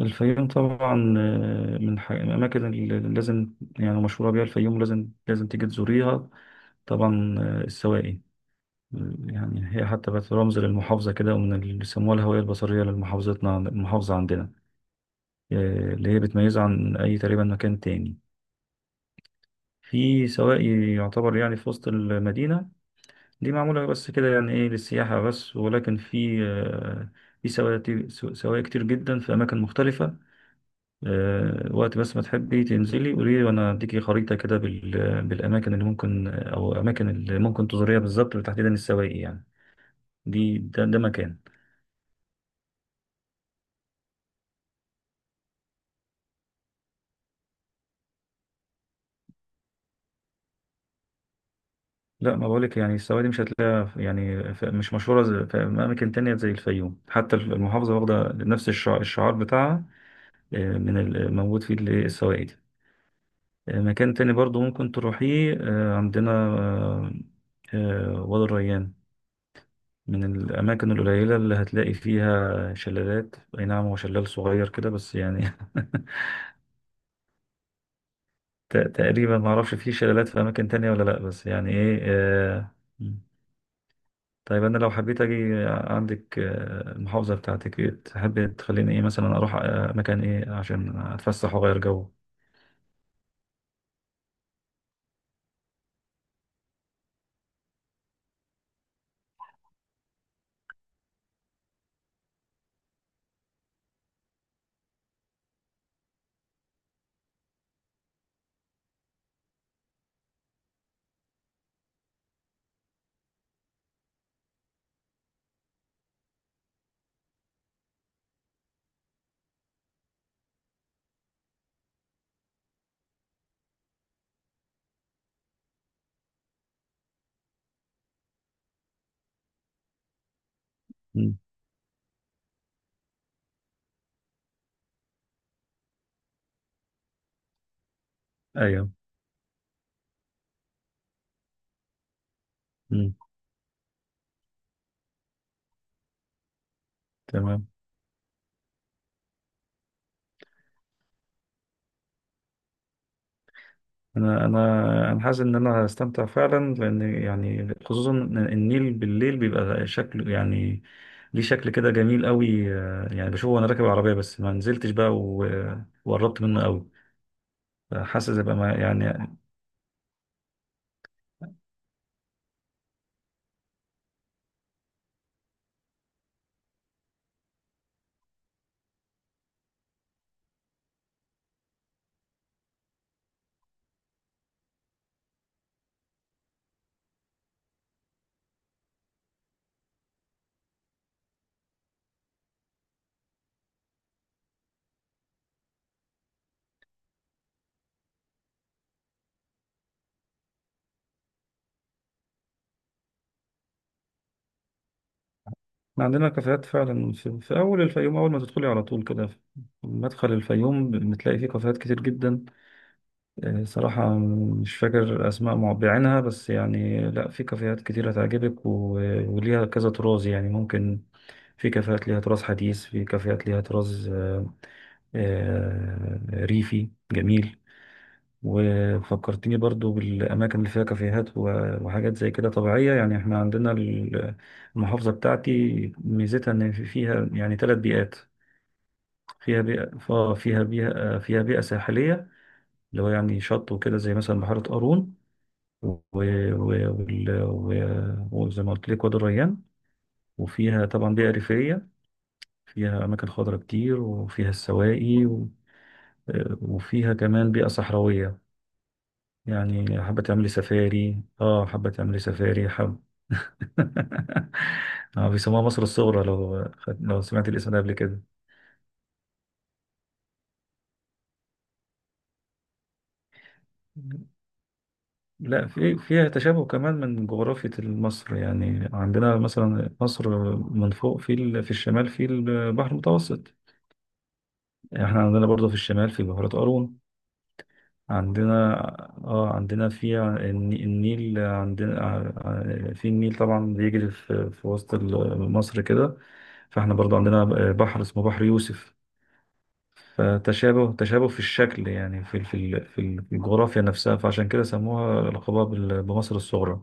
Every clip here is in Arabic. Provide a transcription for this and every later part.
الفيوم طبعا من الأماكن اللي لازم يعني مشهورة بيها الفيوم لازم تيجي تزوريها طبعا السواقي يعني هي حتى بقت رمز للمحافظة كده ومن اللي بيسموها الهوية البصرية المحافظة عندنا، اللي هي بتميزها عن أي تقريبا مكان تاني في سواقي يعتبر يعني في وسط المدينة. دي معمولة بس كده يعني إيه للسياحة بس، ولكن في في سواقي، سواقي كتير جدا في أماكن مختلفة. وقت بس ما تحبي تنزلي قولي لي وانا اديكي خريطة كده بالاماكن اللي ممكن او اماكن اللي ممكن تزوريها بالظبط، وتحديدا السواقي يعني. ده مكان. لا ما بقولك يعني السواقي دي مش هتلاقيها مش مشهورة في اماكن تانية زي الفيوم، حتى المحافظة واخدة نفس الشعار بتاعها. من الموجود فيه السواقي دي. مكان تاني برضو ممكن تروحيه، عندنا وادي الريان، من الأماكن القليلة اللي هتلاقي فيها شلالات. أي نعم هو شلال صغير كده بس يعني تقريبا ما أعرفش فيه شلالات في أماكن تانية ولا لأ، بس يعني إيه آه. طيب أنا لو حبيت أجي عندك، المحافظة بتاعتك إيه تحب تخليني إيه مثلا أروح، مكان إيه عشان أتفسح وأغير جو؟ مم. أيوه. مم. تمام. انا حاسس ان انا هستمتع فعلا، لان يعني خصوصا إن النيل بالليل بيبقى شكله يعني ليه شكل كده جميل قوي، يعني بشوفه وانا راكب العربيه بس ما نزلتش بقى وقربت منه قوي. حاسس يبقى ما يعني. ما عندنا كافيهات فعلا في اول الفيوم، اول ما تدخلي على طول كده في مدخل الفيوم بتلاقي فيه كافيهات كتير جدا. صراحه مش فاكر اسماء بعينها، بس يعني لا في كافيهات كتير هتعجبك وليها كذا طراز يعني. ممكن في كافيهات ليها طراز حديث، في كافيهات ليها طراز آه، ريفي جميل. وفكرتني برضو بالأماكن اللي فيها كافيهات وحاجات زي كده طبيعية، يعني احنا عندنا المحافظة بتاعتي ميزتها إن فيها يعني ثلاث بيئات. فيها فيها بيئة، فيها بيئة ساحلية، اللي هو يعني شط وكده، زي مثلا بحيرة قارون وزي ما قلت لك وادي الريان. وفيها طبعا بيئة ريفية، فيها أماكن خضراء كتير وفيها السواقي. وفيها كمان بيئة صحراوية، يعني حابة تعملي سفاري، اه حابة تعملي سفاري حب. آه بيسموها مصر الصغرى، لو لو سمعت الاسم ده قبل كده. لا في فيها تشابه كمان من جغرافية مصر، يعني عندنا مثلا مصر من فوق في الشمال في البحر المتوسط، يعني احنا عندنا برضه في الشمال في بحيرة قارون. عندنا، اه عندنا النيل، في النيل طبعا بيجري في وسط مصر كده، فاحنا برضو عندنا بحر اسمه بحر يوسف. فتشابه، تشابه في الشكل، يعني في الجغرافيا نفسها، فعشان كده سموها لقبها بمصر الصغرى.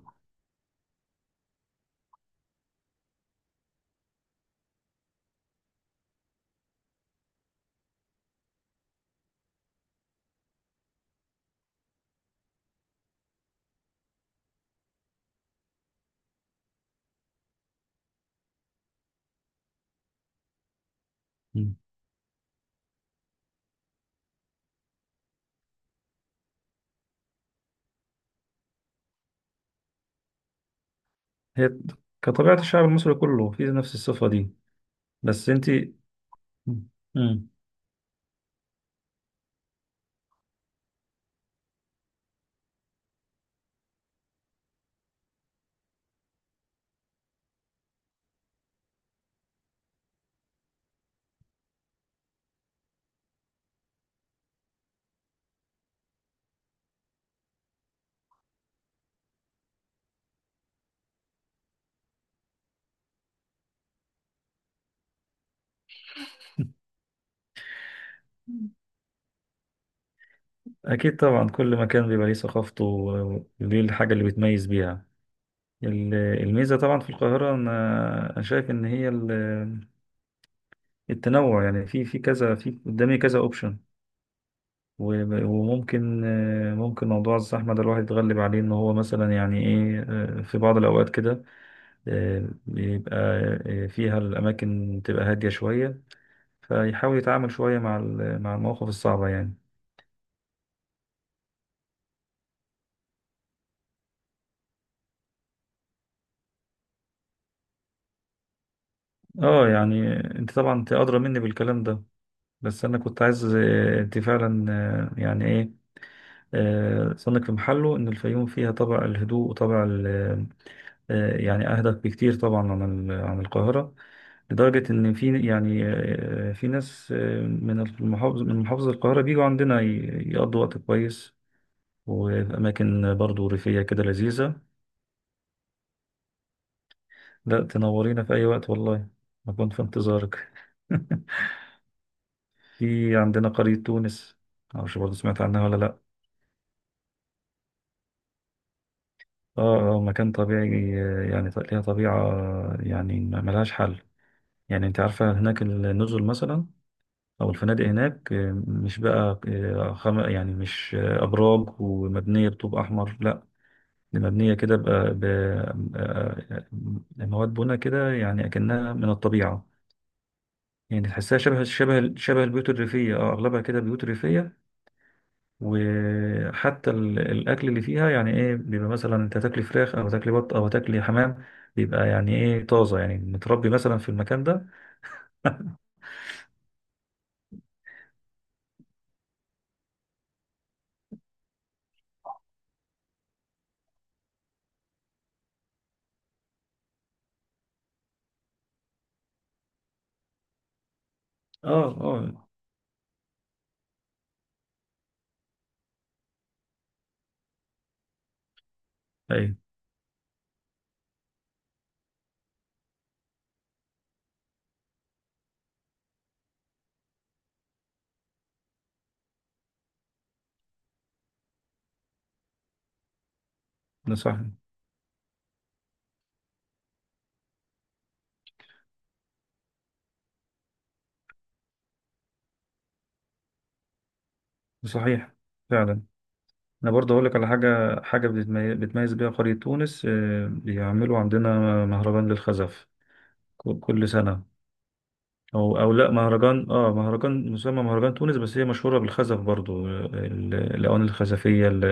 مم. هي كطبيعة الشعب المصري كله في نفس الصفة دي. بس انت. مم. مم. أكيد طبعا، كل مكان بيبقى ليه ثقافته وليه الحاجة اللي بتميز بيها. الميزة طبعا في القاهرة، أنا أنا شايف إن هي التنوع، يعني في كذا، في قدامي كذا أوبشن. وممكن ممكن موضوع الزحمة ده الواحد يتغلب عليه، إن هو مثلا يعني إيه، في بعض الأوقات كده آه، بيبقى آه، فيها الأماكن تبقى هادية شوية، فيحاول يتعامل شوية مع المواقف الصعبة يعني. آه يعني أنت طبعا أنت أدرى مني بالكلام ده، بس أنا كنت عايز، أنت فعلا يعني إيه، صنك في محله إن الفيوم فيها طابع الهدوء وطابع يعني أهدى بكتير طبعا عن عن القاهرة. لدرجة إن في يعني، في ناس من المحافظة، من محافظة القاهرة بيجوا عندنا يقضوا وقت كويس، وفي أماكن برضو ريفية كده لذيذة. لا تنورينا في أي وقت والله. أكون في انتظارك. في عندنا قرية تونس، معرفش برضه سمعت عنها ولا لأ. اه اه مكان طبيعي، يعني ليها طبيعة يعني ملهاش حل. يعني انت عارفة هناك النزل مثلا او الفنادق هناك، مش بقى يعني مش ابراج ومبنية بطوب احمر لا، دي مبنية كده بقى ب... آه، آه، مواد بنا كده يعني اكنها من الطبيعة. يعني تحسها شبه البيوت الريفية، اه اغلبها كده بيوت ريفية. وحتى الاكل اللي فيها يعني ايه بيبقى مثلا انت تاكلي فراخ او تاكلي بط او تاكلي حمام، بيبقى يعني ايه طازة يعني متربي مثلا في المكان ده. اه اه. ايوه. نصح. صحيح، فعلا. انا برضه اقول لك على حاجه، حاجه بتميز بيها قريه تونس. بيعملوا عندنا مهرجان للخزف كل سنه. او او لا مهرجان، اه مهرجان مسمى مهرجان تونس، بس هي مشهوره بالخزف برضه. الاواني الخزفيه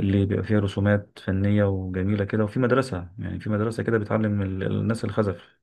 اللي بيبقى فيها رسومات فنيه وجميله كده، وفي مدرسه، يعني في مدرسه كده بتعلم الناس الخزف.